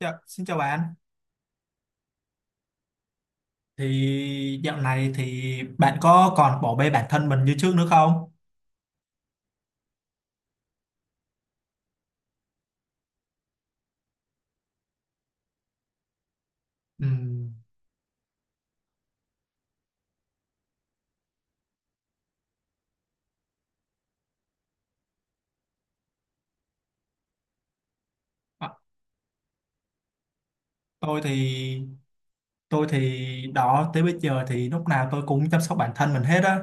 Dạ, xin chào bạn. Dạo này bạn có còn bỏ bê bản thân mình như trước nữa không? Ừm, à, tôi thì tôi thì đó tới bây giờ thì lúc nào tôi cũng chăm sóc bản thân mình hết á.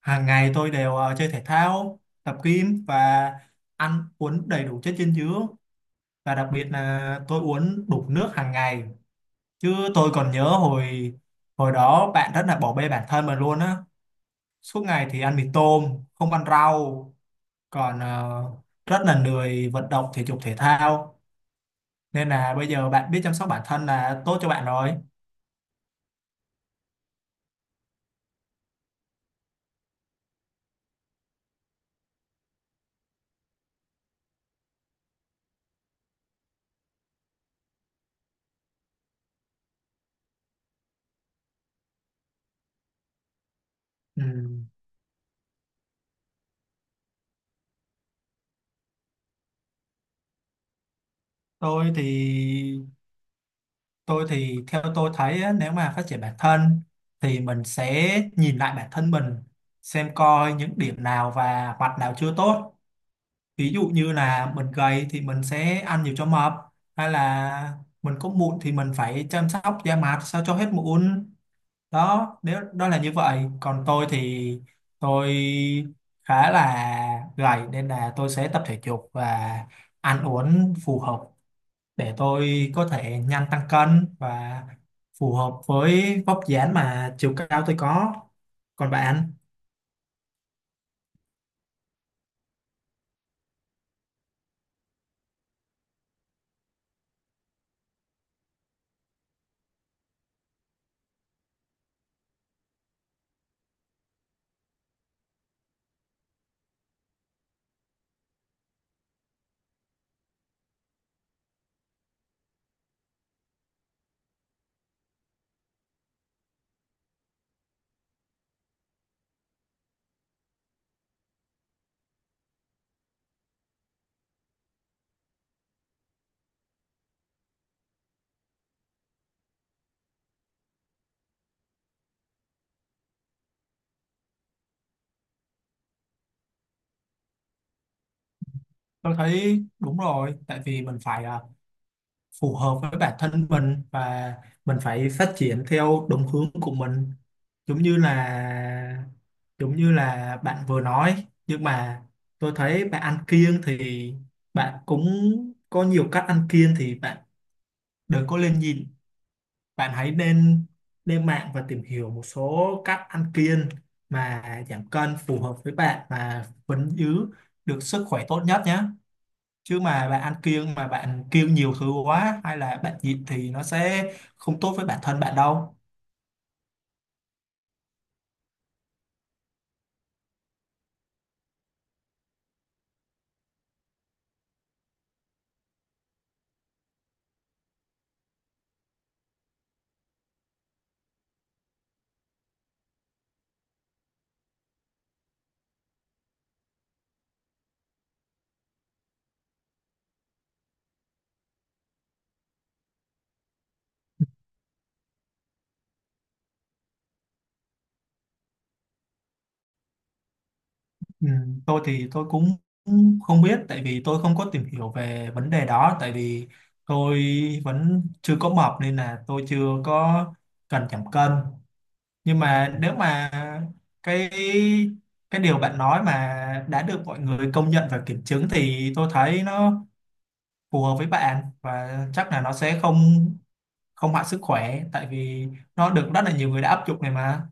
Hàng ngày tôi đều chơi thể thao, tập gym và ăn uống đầy đủ chất dinh dưỡng, và đặc biệt là tôi uống đủ nước hàng ngày. Chứ tôi còn nhớ hồi hồi đó bạn rất là bỏ bê bản thân mình luôn á. Suốt ngày thì ăn mì tôm, không ăn rau, còn rất là lười vận động thể dục thể thao, nên là bây giờ bạn biết chăm sóc bản thân là tốt cho bạn rồi. Ừ, tôi thì tôi thì theo tôi thấy á, nếu mà phát triển bản thân thì mình sẽ nhìn lại bản thân mình, xem coi những điểm nào và mặt nào chưa tốt. Ví dụ như là mình gầy thì mình sẽ ăn nhiều cho mập, hay là mình có mụn thì mình phải chăm sóc da mặt sao cho hết mụn. Đó, nếu đó là như vậy, còn tôi thì tôi khá là gầy nên là tôi sẽ tập thể dục và ăn uống phù hợp để tôi có thể nhanh tăng cân và phù hợp với vóc dáng mà chiều cao tôi có. Còn bạn, tôi thấy đúng rồi, tại vì mình phải phù hợp với bản thân mình và mình phải phát triển theo đúng hướng của mình, giống như là giống như là bạn vừa nói. Nhưng mà tôi thấy bạn ăn kiêng thì bạn cũng có nhiều cách ăn kiêng, thì bạn đừng có lên nhìn, bạn hãy nên lên mạng và tìm hiểu một số cách ăn kiêng mà giảm cân phù hợp với bạn và vẫn giữ được sức khỏe tốt nhất nhé. Chứ mà bạn ăn kiêng mà bạn kiêng nhiều thứ quá hay là bạn nhịn thì nó sẽ không tốt với bản thân bạn đâu. Ừ, tôi thì tôi cũng không biết, tại vì tôi không có tìm hiểu về vấn đề đó. Tại vì tôi vẫn chưa có mập nên là tôi chưa có cần giảm cân. Nhưng mà nếu mà cái cái điều bạn nói mà đã được mọi người công nhận và kiểm chứng thì tôi thấy nó phù hợp với bạn, và chắc là nó sẽ không không hại sức khỏe, tại vì nó được rất là nhiều người đã áp dụng này mà.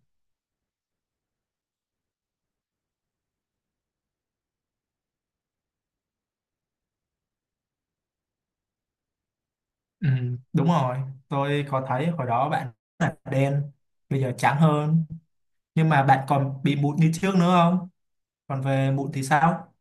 Ừ, đúng rồi, tôi có thấy hồi đó bạn là đen, bây giờ trắng hơn. Nhưng mà bạn còn bị mụn như trước nữa không, còn về mụn thì sao?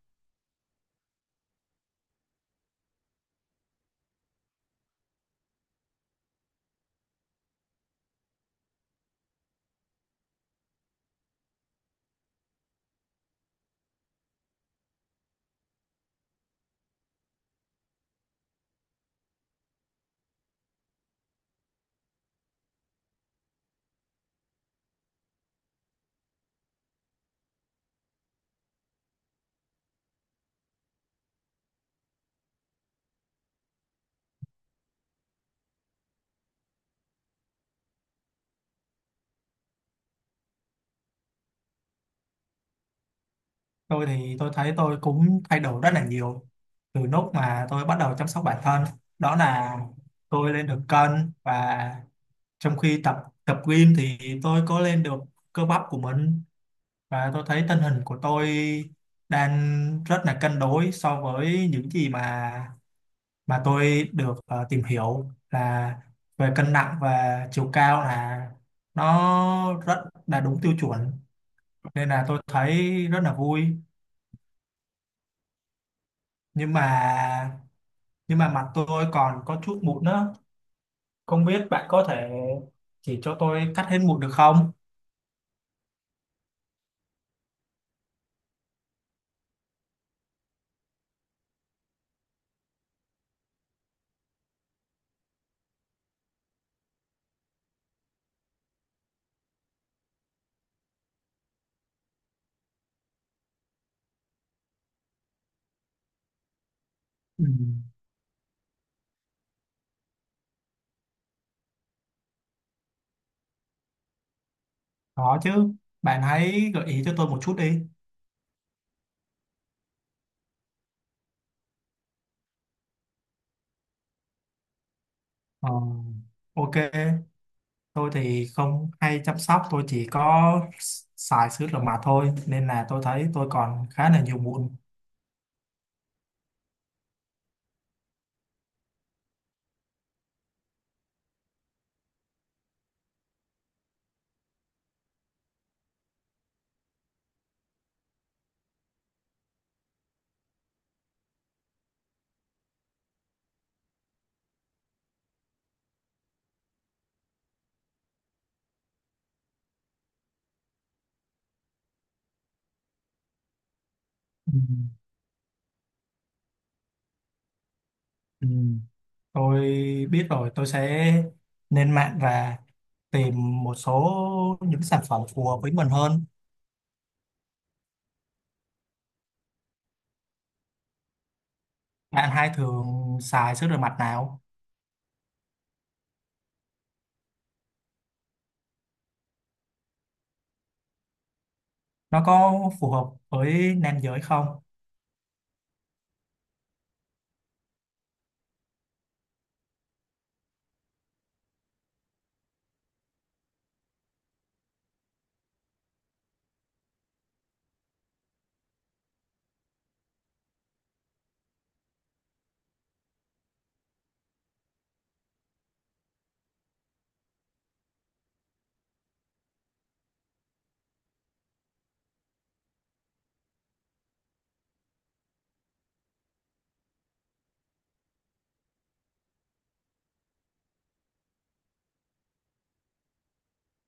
Tôi thì tôi thấy tôi cũng thay đổi rất là nhiều từ lúc mà tôi bắt đầu chăm sóc bản thân. Đó là tôi lên được cân, và trong khi tập tập gym thì tôi có lên được cơ bắp của mình. Và tôi thấy tình hình của tôi đang rất là cân đối, so với những gì mà tôi được tìm hiểu là về cân nặng và chiều cao là nó rất là đúng tiêu chuẩn, nên là tôi thấy rất là vui. Nhưng mà nhưng mà mặt tôi còn có chút mụn nữa. Không biết bạn có thể chỉ cho tôi cắt hết mụn được không? Ừ, có chứ, bạn hãy gợi ý cho tôi một chút đi. Ờ, ok, tôi thì không hay chăm sóc, tôi chỉ có xài sữa rửa mặt thôi, nên là tôi thấy tôi còn khá là nhiều mụn. Ừ. Ừ. Tôi biết rồi, tôi sẽ lên mạng và tìm một số những sản phẩm phù hợp với mình hơn. Bạn hay thường xài sữa rửa mặt nào, nó có phù hợp với nam giới không?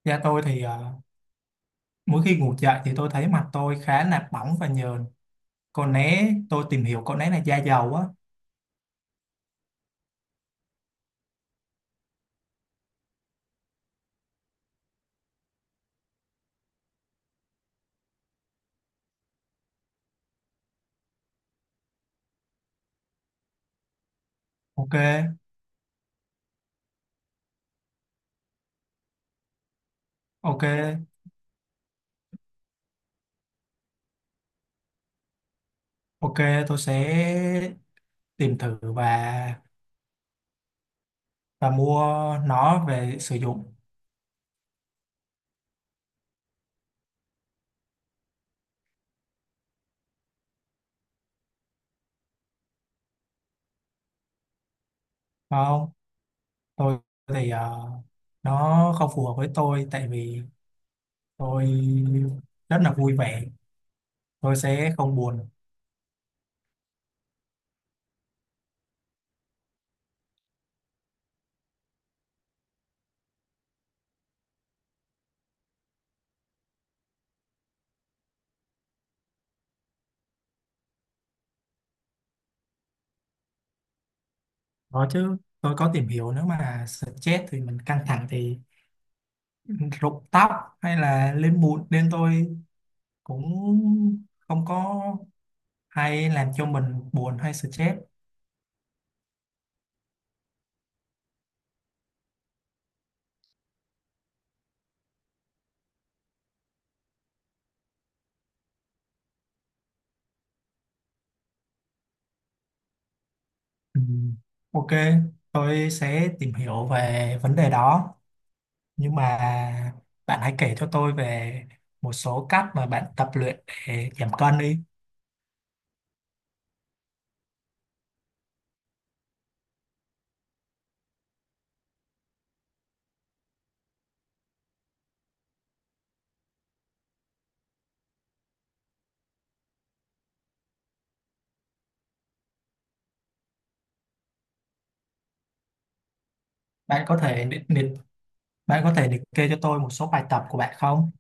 Da tôi thì mỗi khi ngủ dậy thì tôi thấy mặt tôi khá là bỏng và nhờn, còn né tôi tìm hiểu con né là da dầu á. Ok. Ok. Ok, tôi sẽ tìm thử và mua nó về sử dụng. Không, tôi thì nó không phù hợp với tôi, tại vì tôi rất là vui vẻ, tôi sẽ không buồn. Đó chứ, tôi có tìm hiểu nếu mà stress thì mình căng thẳng thì rụng tóc hay là lên mụn, nên tôi cũng không có hay làm cho mình buồn hay stress. Ừ. Ok, tôi sẽ tìm hiểu về vấn đề đó. Nhưng mà bạn hãy kể cho tôi về một số cách mà bạn tập luyện để giảm cân đi. Bạn có thể liệt, liệt, bạn có thể liệt kê cho tôi một số bài tập của bạn không?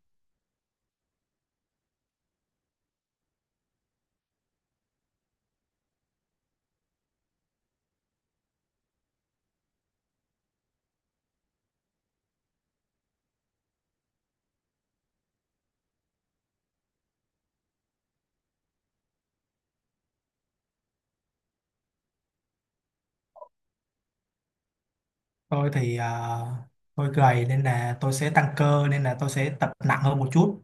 Tôi thì tôi gầy nên là tôi sẽ tăng cơ, nên là tôi sẽ tập nặng hơn một chút.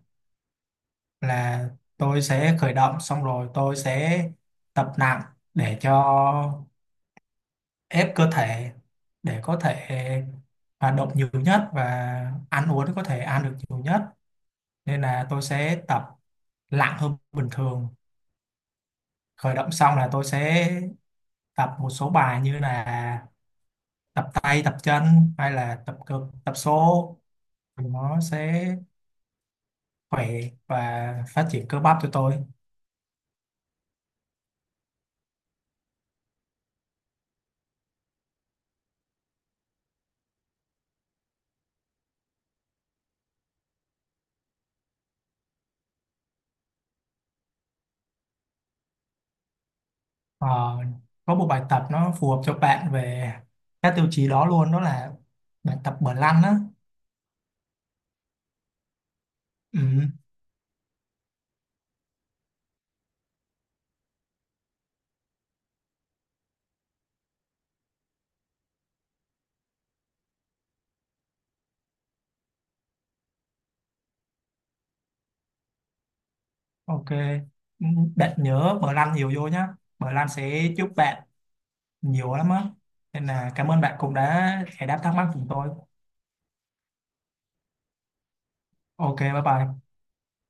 Là tôi sẽ khởi động, xong rồi tôi sẽ tập nặng để cho ép cơ thể, để có thể hoạt động nhiều nhất và ăn uống có thể ăn được nhiều nhất, nên là tôi sẽ tập lặng hơn bình thường. Khởi động xong là tôi sẽ tập một số bài như là tập tay, tập chân hay là tập cơ tập số, thì nó sẽ khỏe và phát triển cơ bắp cho tôi. Ờ, có một bài tập nó phù hợp cho bạn về các tiêu chí đó luôn, đó là bài tập bờ lăn á. Ừ, ok. Ừ, bạn nhớ bờ lăn nhiều vô nhá, bờ lăn sẽ giúp bạn nhiều lắm á. Nên là cảm ơn bạn cũng đã giải đáp thắc mắc của tôi. Ok, bye bye.